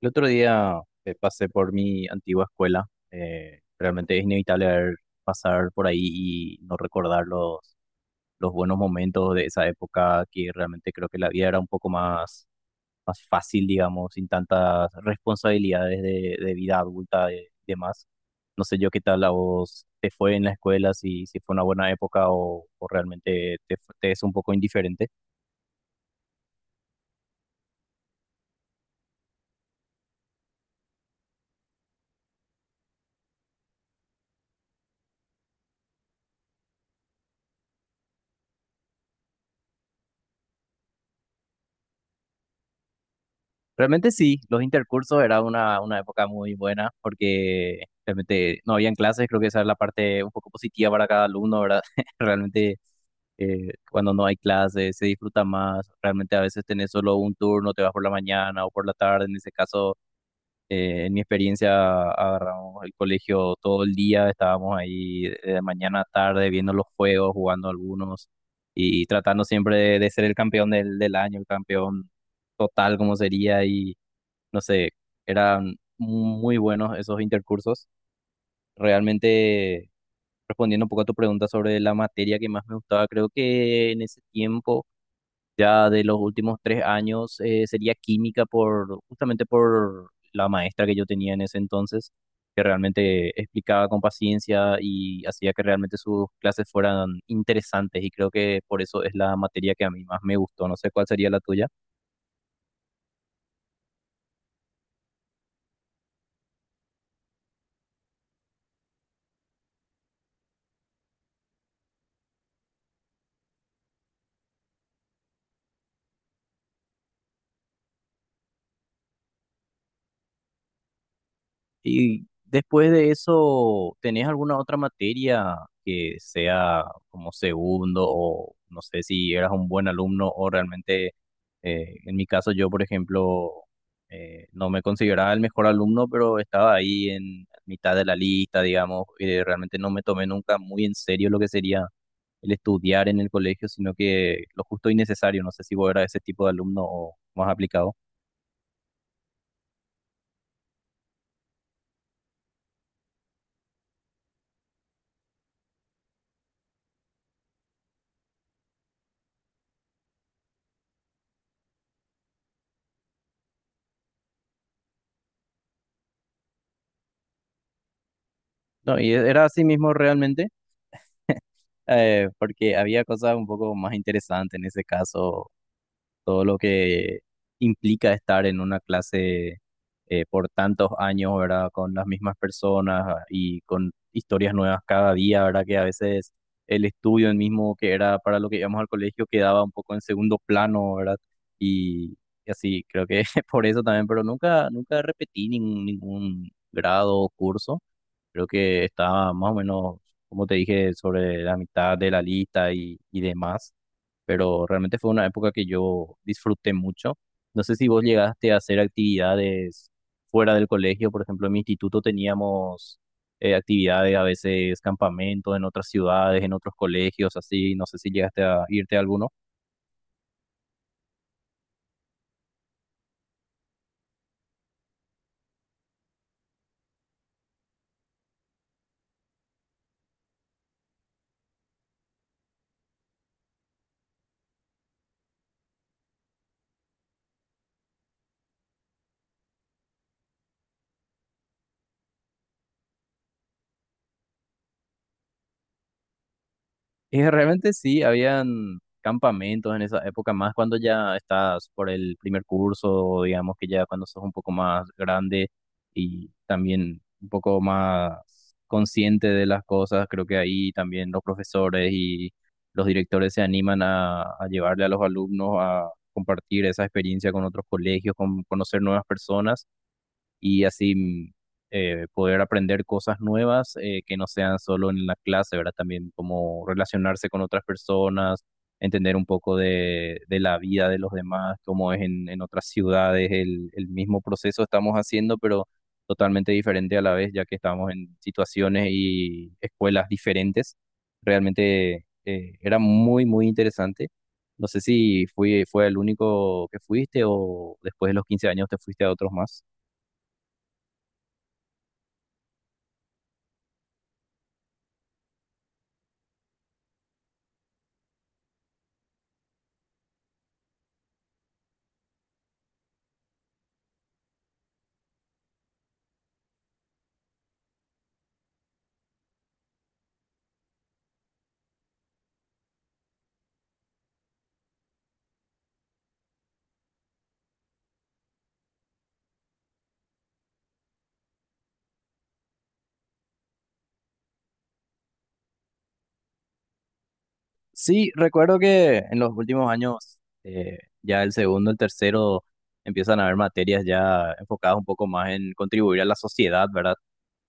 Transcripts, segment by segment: El otro día pasé por mi antigua escuela. Realmente es inevitable pasar por ahí y no recordar los buenos momentos de esa época que realmente creo que la vida era un poco más fácil, digamos, sin tantas responsabilidades de vida adulta y demás. No sé yo qué tal a vos te fue en la escuela, si fue una buena época o realmente te es un poco indiferente. Realmente sí, los intercursos era una época muy buena porque realmente no habían clases, creo que esa es la parte un poco positiva para cada alumno, ¿verdad? Realmente, cuando no hay clases se disfruta más, realmente a veces tenés solo un turno, te vas por la mañana o por la tarde, en ese caso, en mi experiencia agarramos el colegio todo el día, estábamos ahí de mañana a tarde viendo los juegos, jugando algunos y tratando siempre de ser el campeón del año, el campeón total como sería y no sé, eran muy buenos esos intercursos. Realmente, respondiendo un poco a tu pregunta sobre la materia que más me gustaba, creo que en ese tiempo, ya de los últimos 3 años, sería química por, justamente por la maestra que yo tenía en ese entonces, que realmente explicaba con paciencia y hacía que realmente sus clases fueran interesantes y creo que por eso es la materia que a mí más me gustó. No sé cuál sería la tuya. Y después de eso, ¿tenés alguna otra materia que sea como segundo o no sé si eras un buen alumno o realmente, en mi caso yo, por ejemplo, no me consideraba el mejor alumno, pero estaba ahí en mitad de la lista, digamos, y realmente no me tomé nunca muy en serio lo que sería el estudiar en el colegio, sino que lo justo y necesario. No sé si vos eras ese tipo de alumno o más aplicado. No, y era así mismo realmente. Porque había cosas un poco más interesantes en ese caso, todo lo que implica estar en una clase por tantos años, ¿verdad? Con las mismas personas ah, y con historias nuevas cada día, ¿verdad? Que a veces el estudio el mismo que era para lo que íbamos al colegio quedaba un poco en segundo plano, ¿verdad? Y, y así, creo que por eso también, pero nunca repetí ningún grado o curso. Creo que estaba más o menos, como te dije, sobre la mitad de la lista y demás, pero realmente fue una época que yo disfruté mucho. No sé si vos llegaste a hacer actividades fuera del colegio, por ejemplo, en mi instituto teníamos actividades, a veces campamentos en otras ciudades, en otros colegios, así, no sé si llegaste a irte a alguno. Y realmente sí, habían campamentos en esa época, más cuando ya estás por el primer curso, digamos que ya cuando sos un poco más grande y también un poco más consciente de las cosas, creo que ahí también los profesores y los directores se animan a llevarle a los alumnos a compartir esa experiencia con otros colegios, con conocer nuevas personas y así poder aprender cosas nuevas que no sean solo en la clase, ¿verdad? También como relacionarse con otras personas, entender un poco de la vida de los demás, cómo es en otras ciudades, el mismo proceso estamos haciendo, pero totalmente diferente a la vez, ya que estamos en situaciones y escuelas diferentes. Realmente, era muy interesante. No sé si fue el único que fuiste o después de los 15 años te fuiste a otros más. Sí, recuerdo que en los últimos años, ya el segundo, el tercero, empiezan a haber materias ya enfocadas un poco más en contribuir a la sociedad, ¿verdad?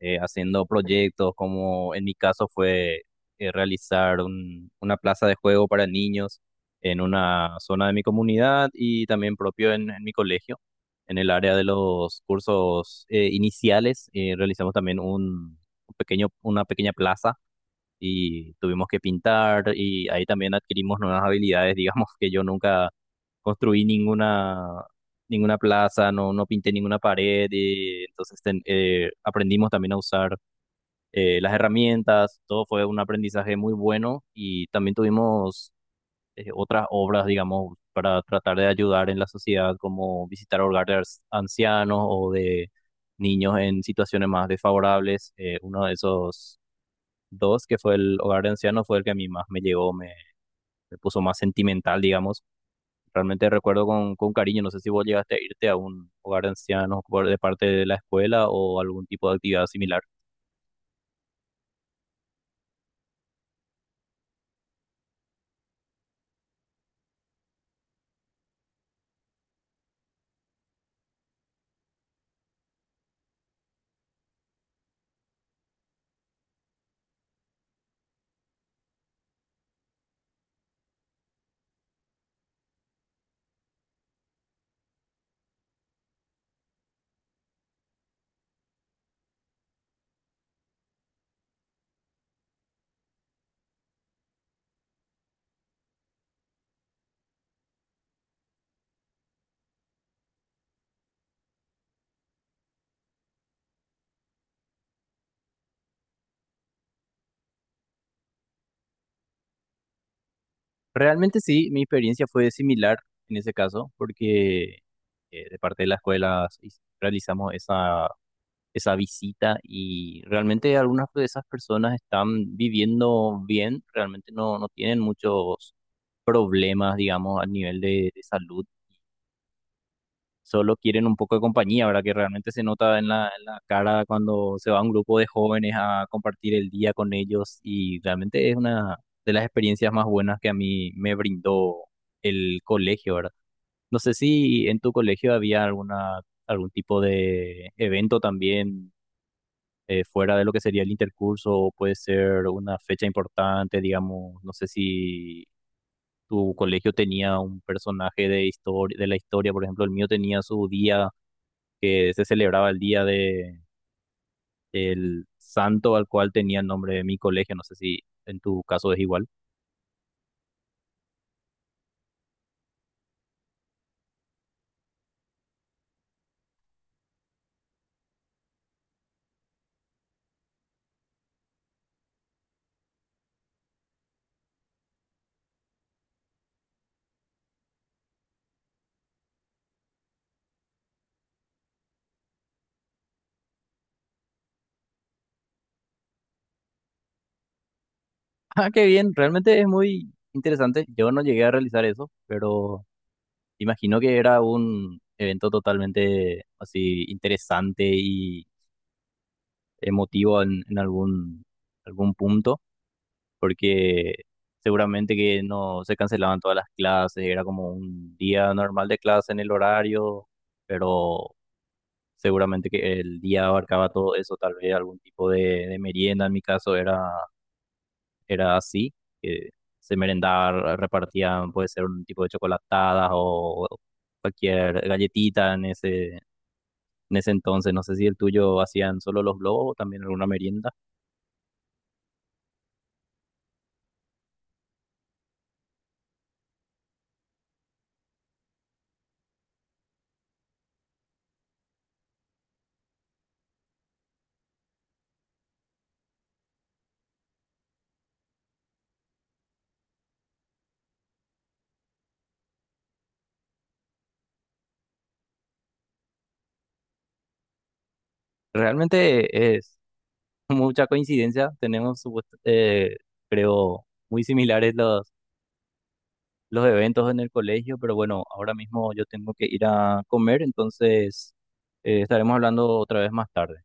Haciendo proyectos, como en mi caso fue eh, realizar una plaza de juego para niños en una zona de mi comunidad y también propio en mi colegio. En el área de los cursos iniciales, realizamos también un pequeño, una pequeña plaza y tuvimos que pintar y ahí también adquirimos nuevas habilidades, digamos que yo nunca construí ninguna plaza, no pinté ninguna pared, y entonces aprendimos también a usar las herramientas, todo fue un aprendizaje muy bueno y también tuvimos otras obras, digamos, para tratar de ayudar en la sociedad, como visitar hogares ancianos o de niños en situaciones más desfavorables. Uno de esos Dos, que fue el hogar de ancianos, fue el que a mí más me llegó, me puso más sentimental, digamos. Realmente recuerdo con cariño, no sé si vos llegaste a irte a un hogar de ancianos de parte de la escuela o algún tipo de actividad similar. Realmente sí, mi experiencia fue similar en ese caso, porque de parte de la escuela realizamos esa visita y realmente algunas de esas personas están viviendo bien, realmente no tienen muchos problemas, digamos, a nivel de salud solo quieren un poco de compañía, ¿verdad? Que realmente se nota en en la cara cuando se va un grupo de jóvenes a compartir el día con ellos y realmente es una de las experiencias más buenas que a mí me brindó el colegio, ¿verdad? No sé si en tu colegio había algún tipo de evento también fuera de lo que sería el intercurso o puede ser una fecha importante, digamos, no sé si... Tu colegio tenía un personaje de historia, de la historia, por ejemplo, el mío tenía su día que se celebraba el día de el santo al cual tenía el nombre de mi colegio. No sé si en tu caso es igual. Ah, qué bien, realmente es muy interesante. Yo no llegué a realizar eso, pero imagino que era un evento totalmente así interesante y emotivo en algún, algún punto, porque seguramente que no se cancelaban todas las clases, era como un día normal de clase en el horario, pero seguramente que el día abarcaba todo eso, tal vez algún tipo de merienda, en mi caso era así, que se merendaba, repartían, puede ser un tipo de chocolatadas o cualquier galletita en en ese entonces. No sé si el tuyo hacían solo los globos o también alguna merienda. Realmente es mucha coincidencia, creo, muy similares los eventos en el colegio, pero bueno, ahora mismo yo tengo que ir a comer, entonces estaremos hablando otra vez más tarde.